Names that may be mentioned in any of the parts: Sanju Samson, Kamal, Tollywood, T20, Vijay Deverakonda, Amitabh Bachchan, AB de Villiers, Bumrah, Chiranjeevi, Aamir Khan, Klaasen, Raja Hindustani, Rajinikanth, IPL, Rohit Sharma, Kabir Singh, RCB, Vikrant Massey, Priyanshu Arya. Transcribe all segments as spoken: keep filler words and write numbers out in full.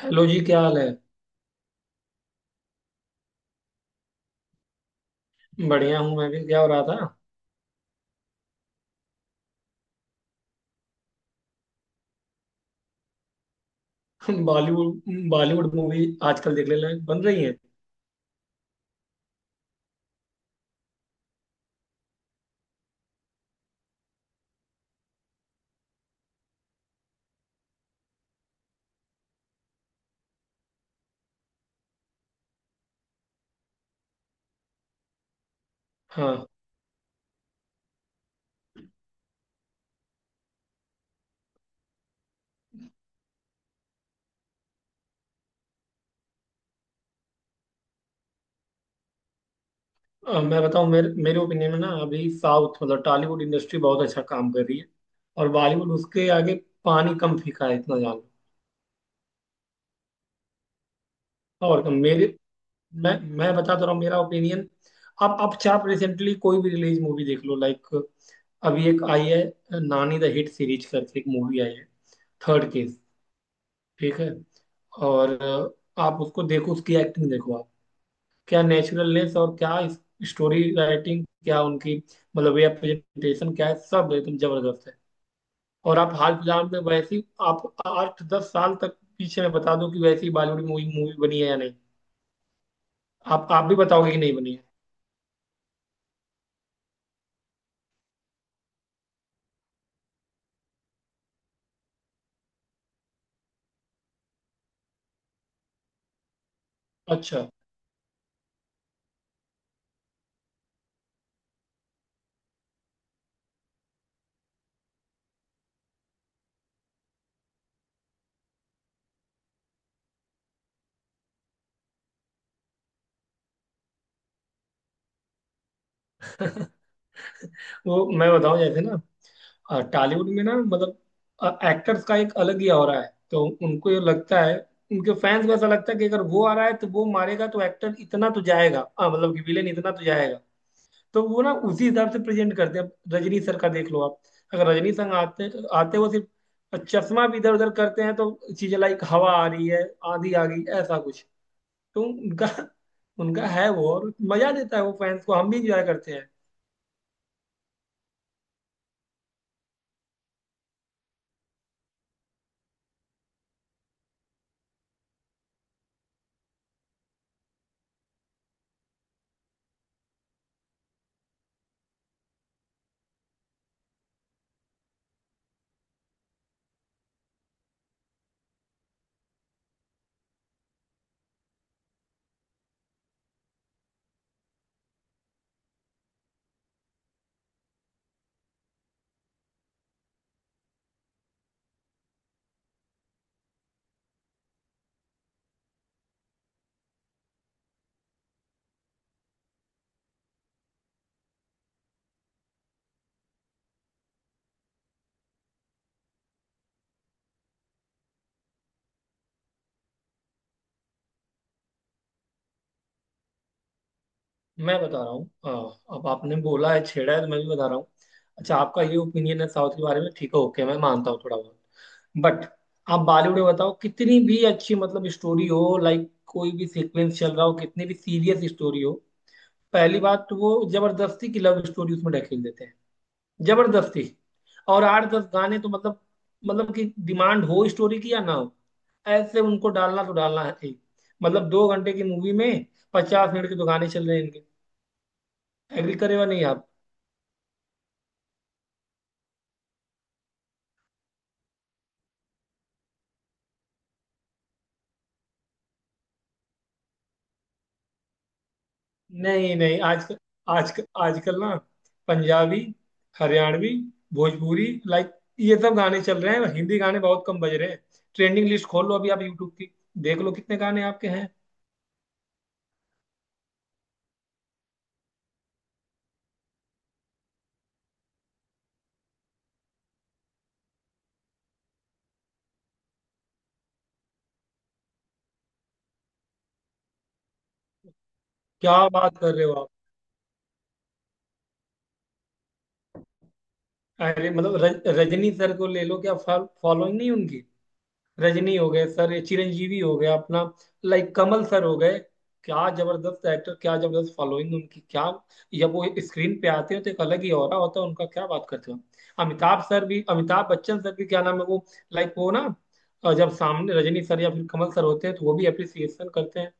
Hello जी। क्या हाल है। बढ़िया हूँ मैं भी। क्या हो रहा था। बॉलीवुड बॉलीवुड मूवी। आजकल देखने लायक बन रही है। हाँ। अ, मैं बताऊँ, मेरे मेरे ओपिनियन में ना, अभी साउथ मतलब टॉलीवुड इंडस्ट्री बहुत अच्छा काम कर रही है, और बॉलीवुड उसके आगे पानी कम फीका है, इतना जान लो। और कम मेरे, मैं मैं बता तो रहा हूँ मेरा ओपिनियन। आप आप चाहे आप रिसेंटली कोई भी रिलीज मूवी देख लो। लाइक अभी एक आई है, नानी द हिट सीरीज करके एक मूवी आई है, थर्ड केस, ठीक है। और अ, आप उसको देखो, उसकी एक्टिंग देखो आप। क्या नेचुरलनेस और क्या स्टोरी राइटिंग, क्या उनकी मतलब वे ऑफ प्रेजेंटेशन, क्या है, सब एकदम जबरदस्त है। और आप हाल फिलहाल में वैसी, आप आठ दस साल तक पीछे में बता दो कि वैसी बॉलीवुड मूवी मूवी बनी है या नहीं। आप आप भी बताओगे कि नहीं बनी है। अच्छा। वो मैं बताऊं, जैसे ना टॉलीवुड में ना, मतलब एक्टर्स का एक अलग ही हो रहा है, तो उनको ये लगता है, उनके फैंस को ऐसा लगता है कि अगर वो आ रहा है तो वो मारेगा, तो एक्टर इतना तो जाएगा, अ, मतलब कि विलेन इतना तो जाएगा। तो वो ना उसी हिसाब से प्रेजेंट करते हैं। रजनी सर का देख लो आप। अगर रजनी सर आते आते वो सिर्फ चश्मा भी इधर उधर करते हैं, तो चीजें लाइक हवा आ रही है, आंधी आ गई, ऐसा कुछ। तो उनका उनका है वो, और मजा देता है वो फैंस को, हम भी इंजॉय करते हैं। मैं बता रहा हूँ हाँ, अब आपने बोला है, छेड़ा है, तो मैं भी बता रहा हूँ। अच्छा, आपका ये ओपिनियन है साउथ के बारे में, ठीक है ओके, मैं मानता हूँ थोड़ा बहुत। बट आप बॉलीवुड में बताओ, कितनी भी अच्छी मतलब स्टोरी हो, लाइक कोई भी सीक्वेंस चल रहा हो, कितनी भी सीरियस स्टोरी हो, पहली बात तो वो जबरदस्ती की लव स्टोरी उसमें ढकेल देते हैं। जबरदस्ती। और आठ दस गाने तो मतलब, मतलब कि डिमांड हो स्टोरी की या ना हो, ऐसे उनको डालना तो डालना है ही। मतलब दो घंटे की मूवी में पचास मिनट के तो गाने चल रहे हैं इनके। एग्री करेगा नहीं आप। नहीं नहीं आजकल आजकल आजकल ना पंजाबी, हरियाणवी, भोजपुरी, लाइक ये सब गाने चल रहे हैं। हिंदी गाने बहुत कम बज रहे हैं। ट्रेंडिंग लिस्ट खोल लो अभी आप यूट्यूब की, देख लो कितने गाने आपके हैं। क्या बात कर रहे हो। अरे मतलब रज, रजनी सर को ले लो, क्या फॉलोइंग नहीं उनकी। रजनी हो गए, सर चिरंजीवी हो गया अपना, लाइक कमल सर हो गए। क्या जबरदस्त एक्टर, क्या जबरदस्त फॉलोइंग उनकी। क्या जब वो स्क्रीन पे आते हैं, तो एक अलग ही ऑरा होता है उनका। क्या बात करते हो। अमिताभ सर भी, अमिताभ बच्चन सर भी, क्या नाम है वो, लाइक वो ना, अ, जब सामने रजनी सर या फिर कमल सर होते हैं तो वो भी अप्रिसिएशन करते हैं।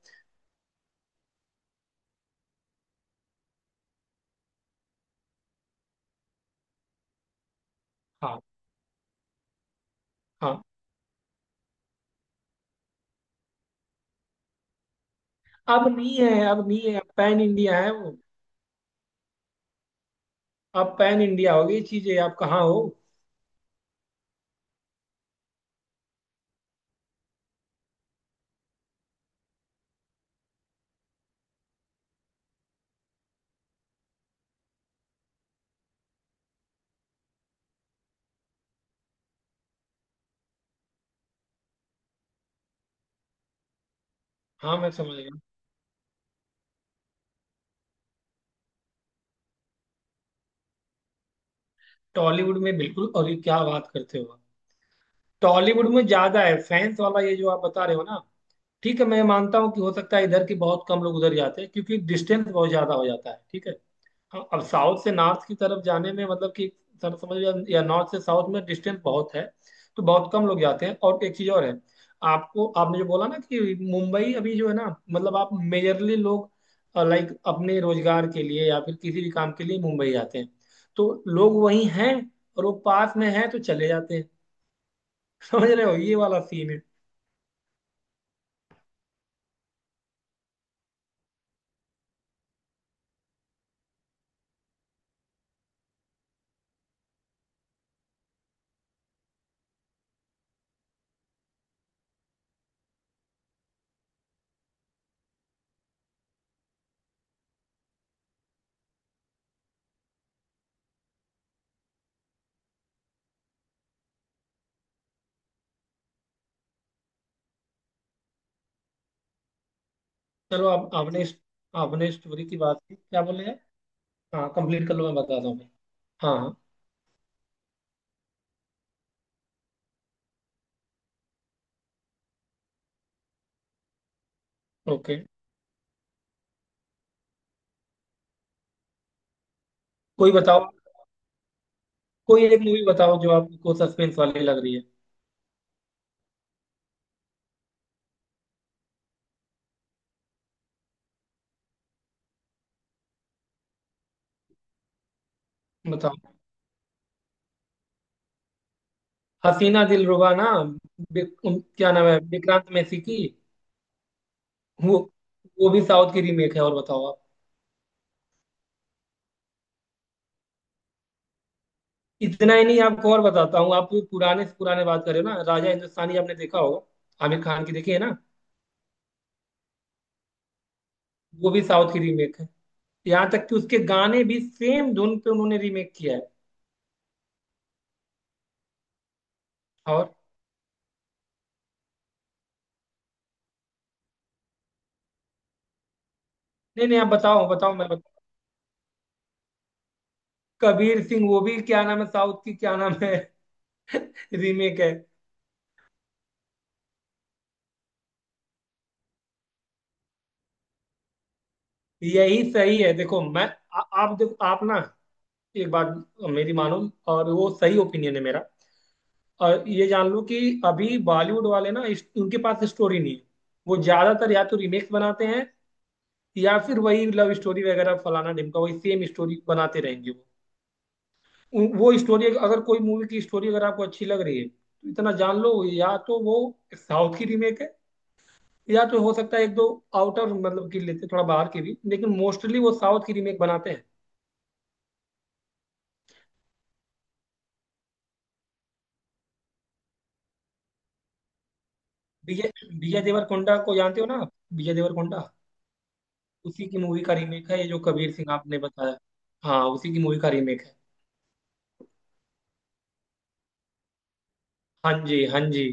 हाँ हाँ। अब नहीं है, अब नहीं है, अब पैन इंडिया है वो। अब पैन इंडिया हो गई चीजें, आप कहाँ हो। हाँ मैं समझ गया। टॉलीवुड में बिल्कुल, और ये क्या बात करते हो आप। टॉलीवुड में ज्यादा है फैंस वाला, ये जो आप बता रहे हो ना। ठीक है, मैं मानता हूँ कि हो सकता है इधर के बहुत कम लोग उधर जाते हैं, क्योंकि डिस्टेंस बहुत ज्यादा हो जाता है, ठीक है। हाँ, अब साउथ से नॉर्थ की तरफ जाने में, मतलब कि सर समझ लो, या, या नॉर्थ से साउथ में डिस्टेंस बहुत है, तो बहुत कम लोग जाते हैं। और एक चीज और है, आपको आपने जो बोला ना कि मुंबई अभी जो है ना, मतलब आप मेजरली लोग लाइक अपने रोजगार के लिए या फिर किसी भी काम के लिए मुंबई जाते हैं, तो लोग वहीं हैं, और वो पास में हैं तो चले जाते हैं। समझ रहे हो, ये वाला सीन है। चलो आप, आपने आपने स्टोरी की बात की, क्या बोले हैं। हाँ कंप्लीट कर लो, मैं बताता हूँ। हाँ हाँ। ओके। कोई बताओ, कोई एक मूवी बताओ जो आपको सस्पेंस वाली लग रही है। बताओ। हसीना दिलरुबा ना। बि- उन- क्या नाम है, विक्रांत मैसी की। वो वो भी साउथ की रीमेक है, और बताओ आप। इतना ही नहीं, आपको और बताता हूँ। आप पुराने से पुराने बात करें ना, राजा हिंदुस्तानी आपने देखा होगा, आमिर खान की, देखी है ना। वो भी साउथ की रीमेक है। यहाँ तक कि उसके गाने भी सेम धुन पे उन्होंने रीमेक किया है। और नहीं नहीं, आप बताओ बताओ, मैं बताऊं। कबीर सिंह, वो भी क्या नाम है साउथ की, क्या नाम है। रीमेक है। यही सही है, देखो मैं, आ, आप देखो आप ना, एक बात मेरी मानो, और वो सही ओपिनियन है मेरा। और ये जान लो कि अभी बॉलीवुड वाले ना, इस- उनके पास स्टोरी नहीं है। वो ज्यादातर या तो रीमेक्स बनाते हैं, या फिर वही लव स्टोरी वगैरह फलाना ढिमका वही सेम स्टोरी बनाते रहेंगे वो। उन- वो स्टोरी, अगर कोई मूवी की स्टोरी अगर आपको अच्छी लग रही है, तो इतना जान लो या तो वो साउथ की रीमेक है, या तो हो सकता है एक दो आउटर, मतलब की लेते थोड़ा बाहर की भी, लेकिन मोस्टली वो साउथ की रीमेक बनाते हैं। विजय विजय देवरकोंडा को जानते हो ना आप? विजय देवरकोंडा, उसी की मूवी का रीमेक है ये जो कबीर सिंह आपने बताया। हाँ उसी की मूवी का रीमेक है। हाँ जी हाँ जी।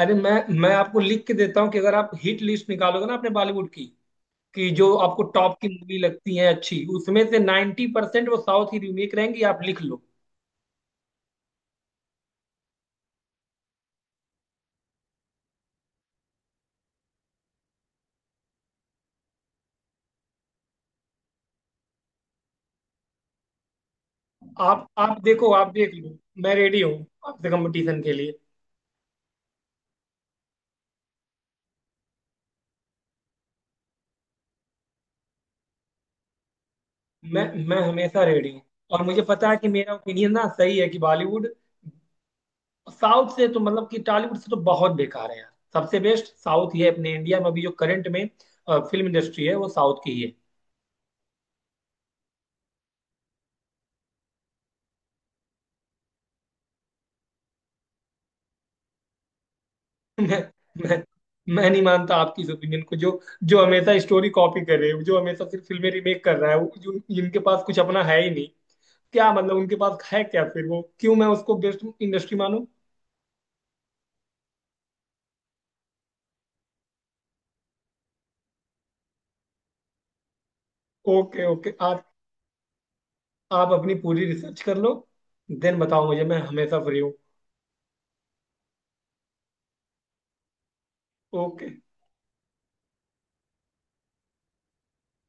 अरे मैं मैं आपको लिख के देता हूँ कि अगर आप हिट लिस्ट निकालोगे ना अपने बॉलीवुड की, कि जो आपको टॉप की मूवी लगती है अच्छी, उसमें से नाइन्टी परसेंट वो साउथ की रीमेक रहेंगी, आप लिख लो। आप आप देखो, आप देख लो, मैं रेडी हूँ आपसे कंपटीशन के लिए। मैं मैं हमेशा रेडी हूँ। और मुझे पता है कि मेरा ओपिनियन ना सही है कि बॉलीवुड साउथ से तो, मतलब कि टॉलीवुड से तो बहुत बेकार है यार। सबसे बेस्ट साउथ ही है अपने इंडिया में अभी जो करंट में अ, फिल्म इंडस्ट्री है, वो साउथ की ही है। मैं, मैं, मैं नहीं मानता आपकी इस ओपिनियन को, जो जो हमेशा स्टोरी कॉपी कर रहे हो, जो हमेशा सिर्फ फिल्में रिमेक कर रहा है वो, जो जिनके पास कुछ अपना है ही नहीं, क्या मतलब उनके पास है क्या, फिर वो क्यों मैं उसको बेस्ट इंडस्ट्री मानूं। ओके ओके, आप आप अपनी पूरी रिसर्च कर लो, देन बताओ मुझे, मैं हमेशा फ्री हूँ। ओके।